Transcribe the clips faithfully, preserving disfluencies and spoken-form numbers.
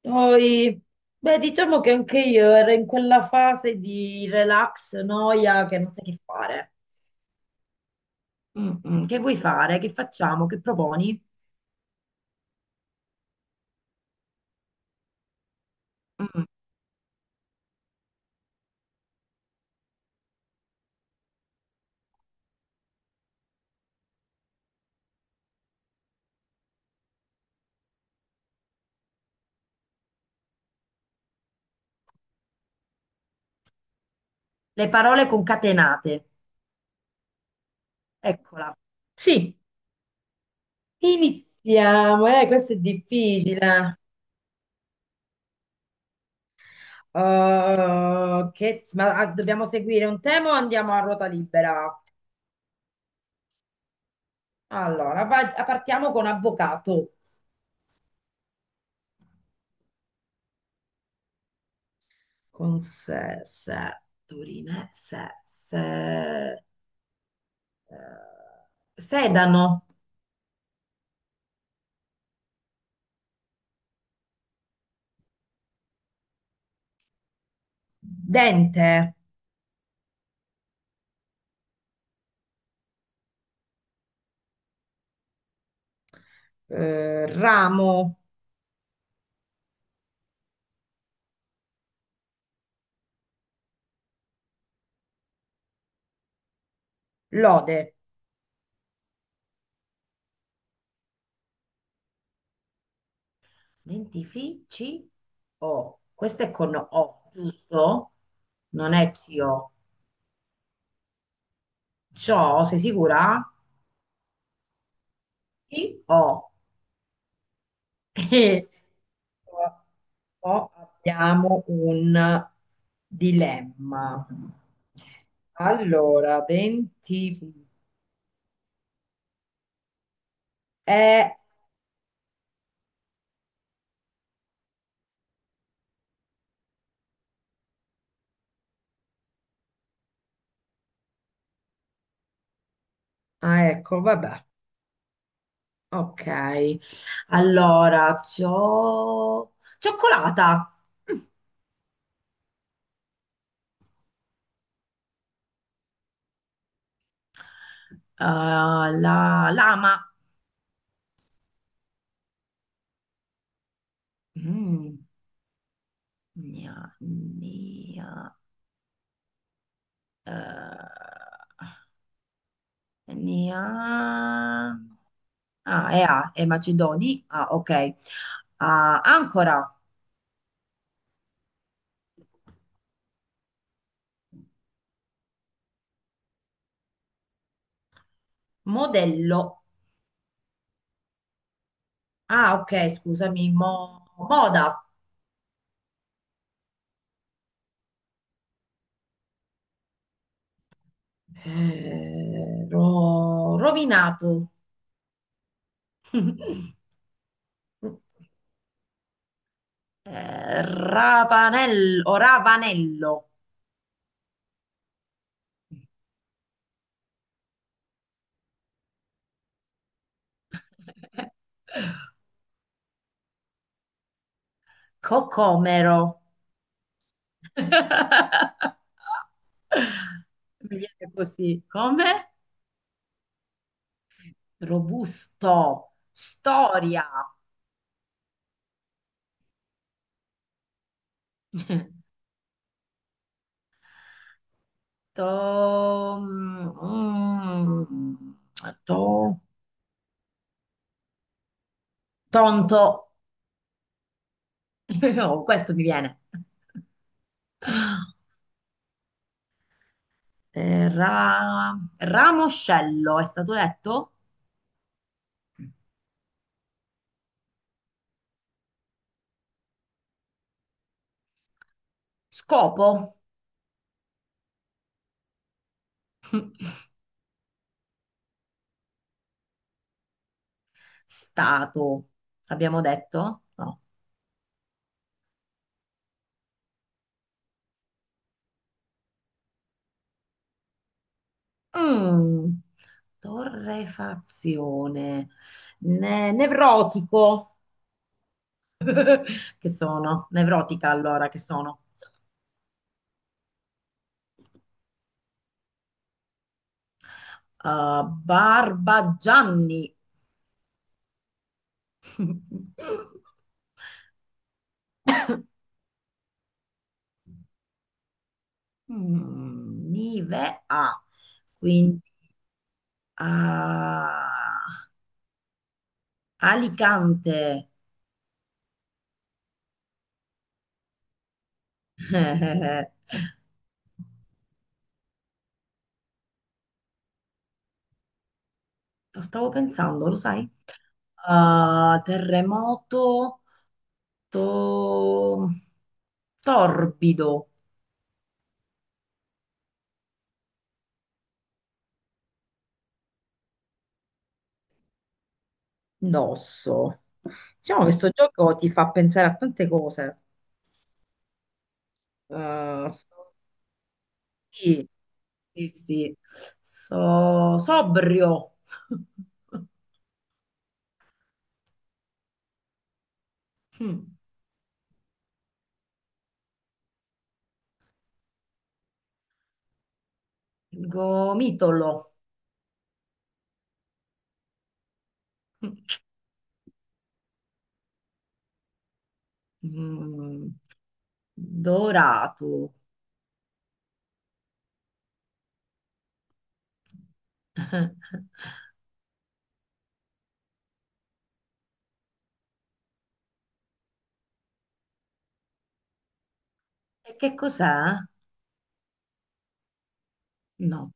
Poi, beh, diciamo che anche io ero in quella fase di relax, noia, che non sai che fare. Mm, mm, Che vuoi fare? Che facciamo? Che proponi? Mm, Le parole concatenate. Eccola. Sì, iniziamo. Eh, questo è difficile. Uh, che- ma ah, dobbiamo seguire un tema o andiamo a ruota libera? Allora, va- partiamo con avvocato. Con se, se, Turine, se, se. Eh, sedano, dente, eh, ramo, lode. Dentifici O. Questo è con O, giusto? Non è C O. Ciò, sei sicura? Sì, O. O abbiamo un dilemma. Allora, dentifici. Eh, ah, ecco, vabbè. Ok. Allora, c'ho... Cioccolata. Mm. Uh, la lama. Mm. Gna- gna- eh, gna- Ah, è A, è Macedoni. Ah, ok. Ah, ancora, modello. Ah, ok, scusami, mo- moda. Eh, ro- rovinato. Eh, Ravanello, o Ravanello. Cocomero. Mi viene così. Come? Robusto. Storia. To... mm, to- Tonto. Oh, questo mi viene. Eh, ra- Ramoscello, è stato detto? Scopo. Stato. Abbiamo detto? No. Mm, torrefazione. Ne- nevrotico. Che sono? Nevrotica allora, che sono? Uh, Barbagianni. Mm, Nive A. Quindi ah, Alicante. Lo stavo pensando, lo sai? Uh, terremoto to- torbido. Indosso. Diciamo che sto gioco ti fa pensare a tante cose. Eh, sto- sì, sì, sì. So, sobrio. Mm. Gomitolo. Mm. Dorato. E che cos'è? No,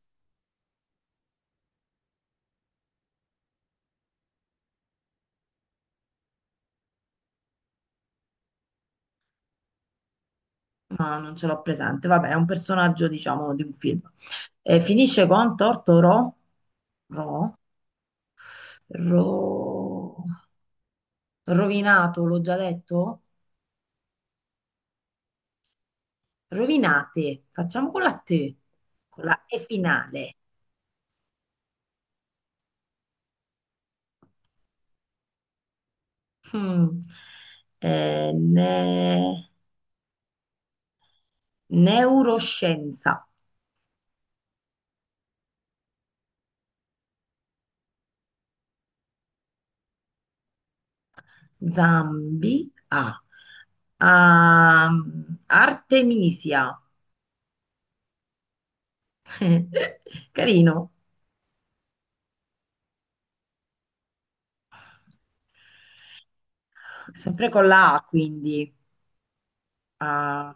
ma non ce l'ho presente. Vabbè, è un personaggio, diciamo, di un film. E finisce con Tortoro. Ro. Ro. Rovinato, l'ho già detto? Rovinate, facciamo con la T, con la E finale. Mm. Eh, ne- Neuroscienza, Zambi, A. Am- Artemisia, carino, sempre con la A quindi. Ah,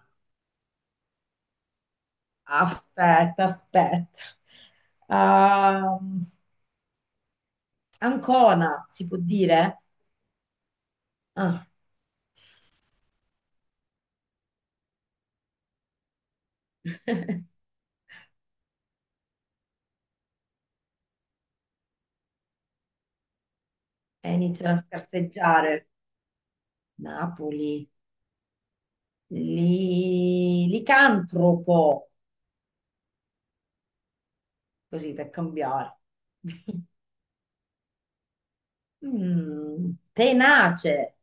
aspetta, aspetta. Am- Ancona, si può dire? Ah. e iniziano a scarseggiare. Napoli, li... licantropo, così per cambiare. Mm, tenace.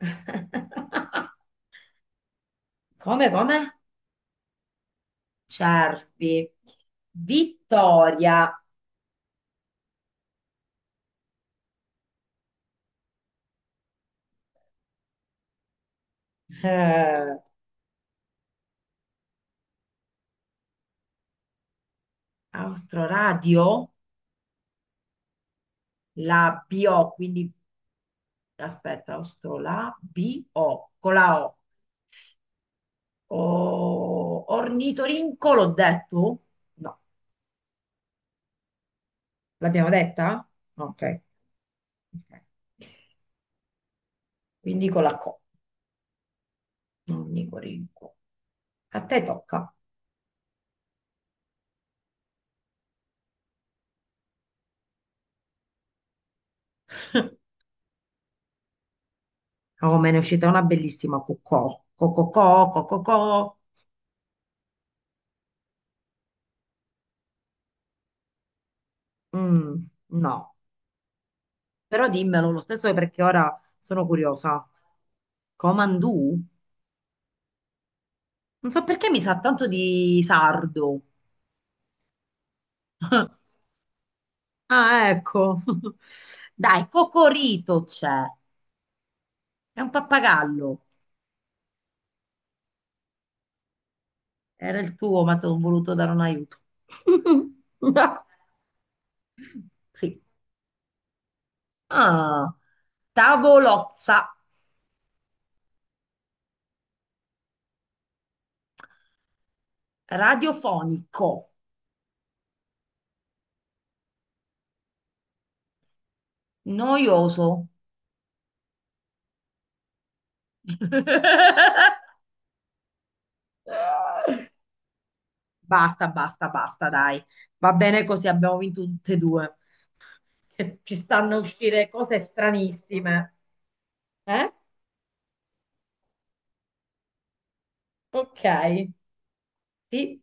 Come, come? Cervi. Vittoria. Eh, Austroradio, la bio, quindi aspetta, Austro, la bio, con la O. O- ornitorinco, l'ho detto? No. L'abbiamo detta? Ok, ok. Quindi con la Co, non Nicorinco. A te tocca. Oh, me ne è uscita una bellissima cocò. Cococò, cococò. Mm, no, però dimmelo lo stesso perché ora sono curiosa. Comandù? Non so perché mi sa tanto di sardo. Ah, ecco. Dai, Cocorito c'è. È un pappagallo. Era il tuo, ma ti ho voluto dare un aiuto. Sì. Ah, tavolozza radiofonico, noioso. Basta, basta, basta, dai. Va bene così, abbiamo vinto tutte e due. Che ci stanno a uscire cose stranissime. Eh? Ok. Sì.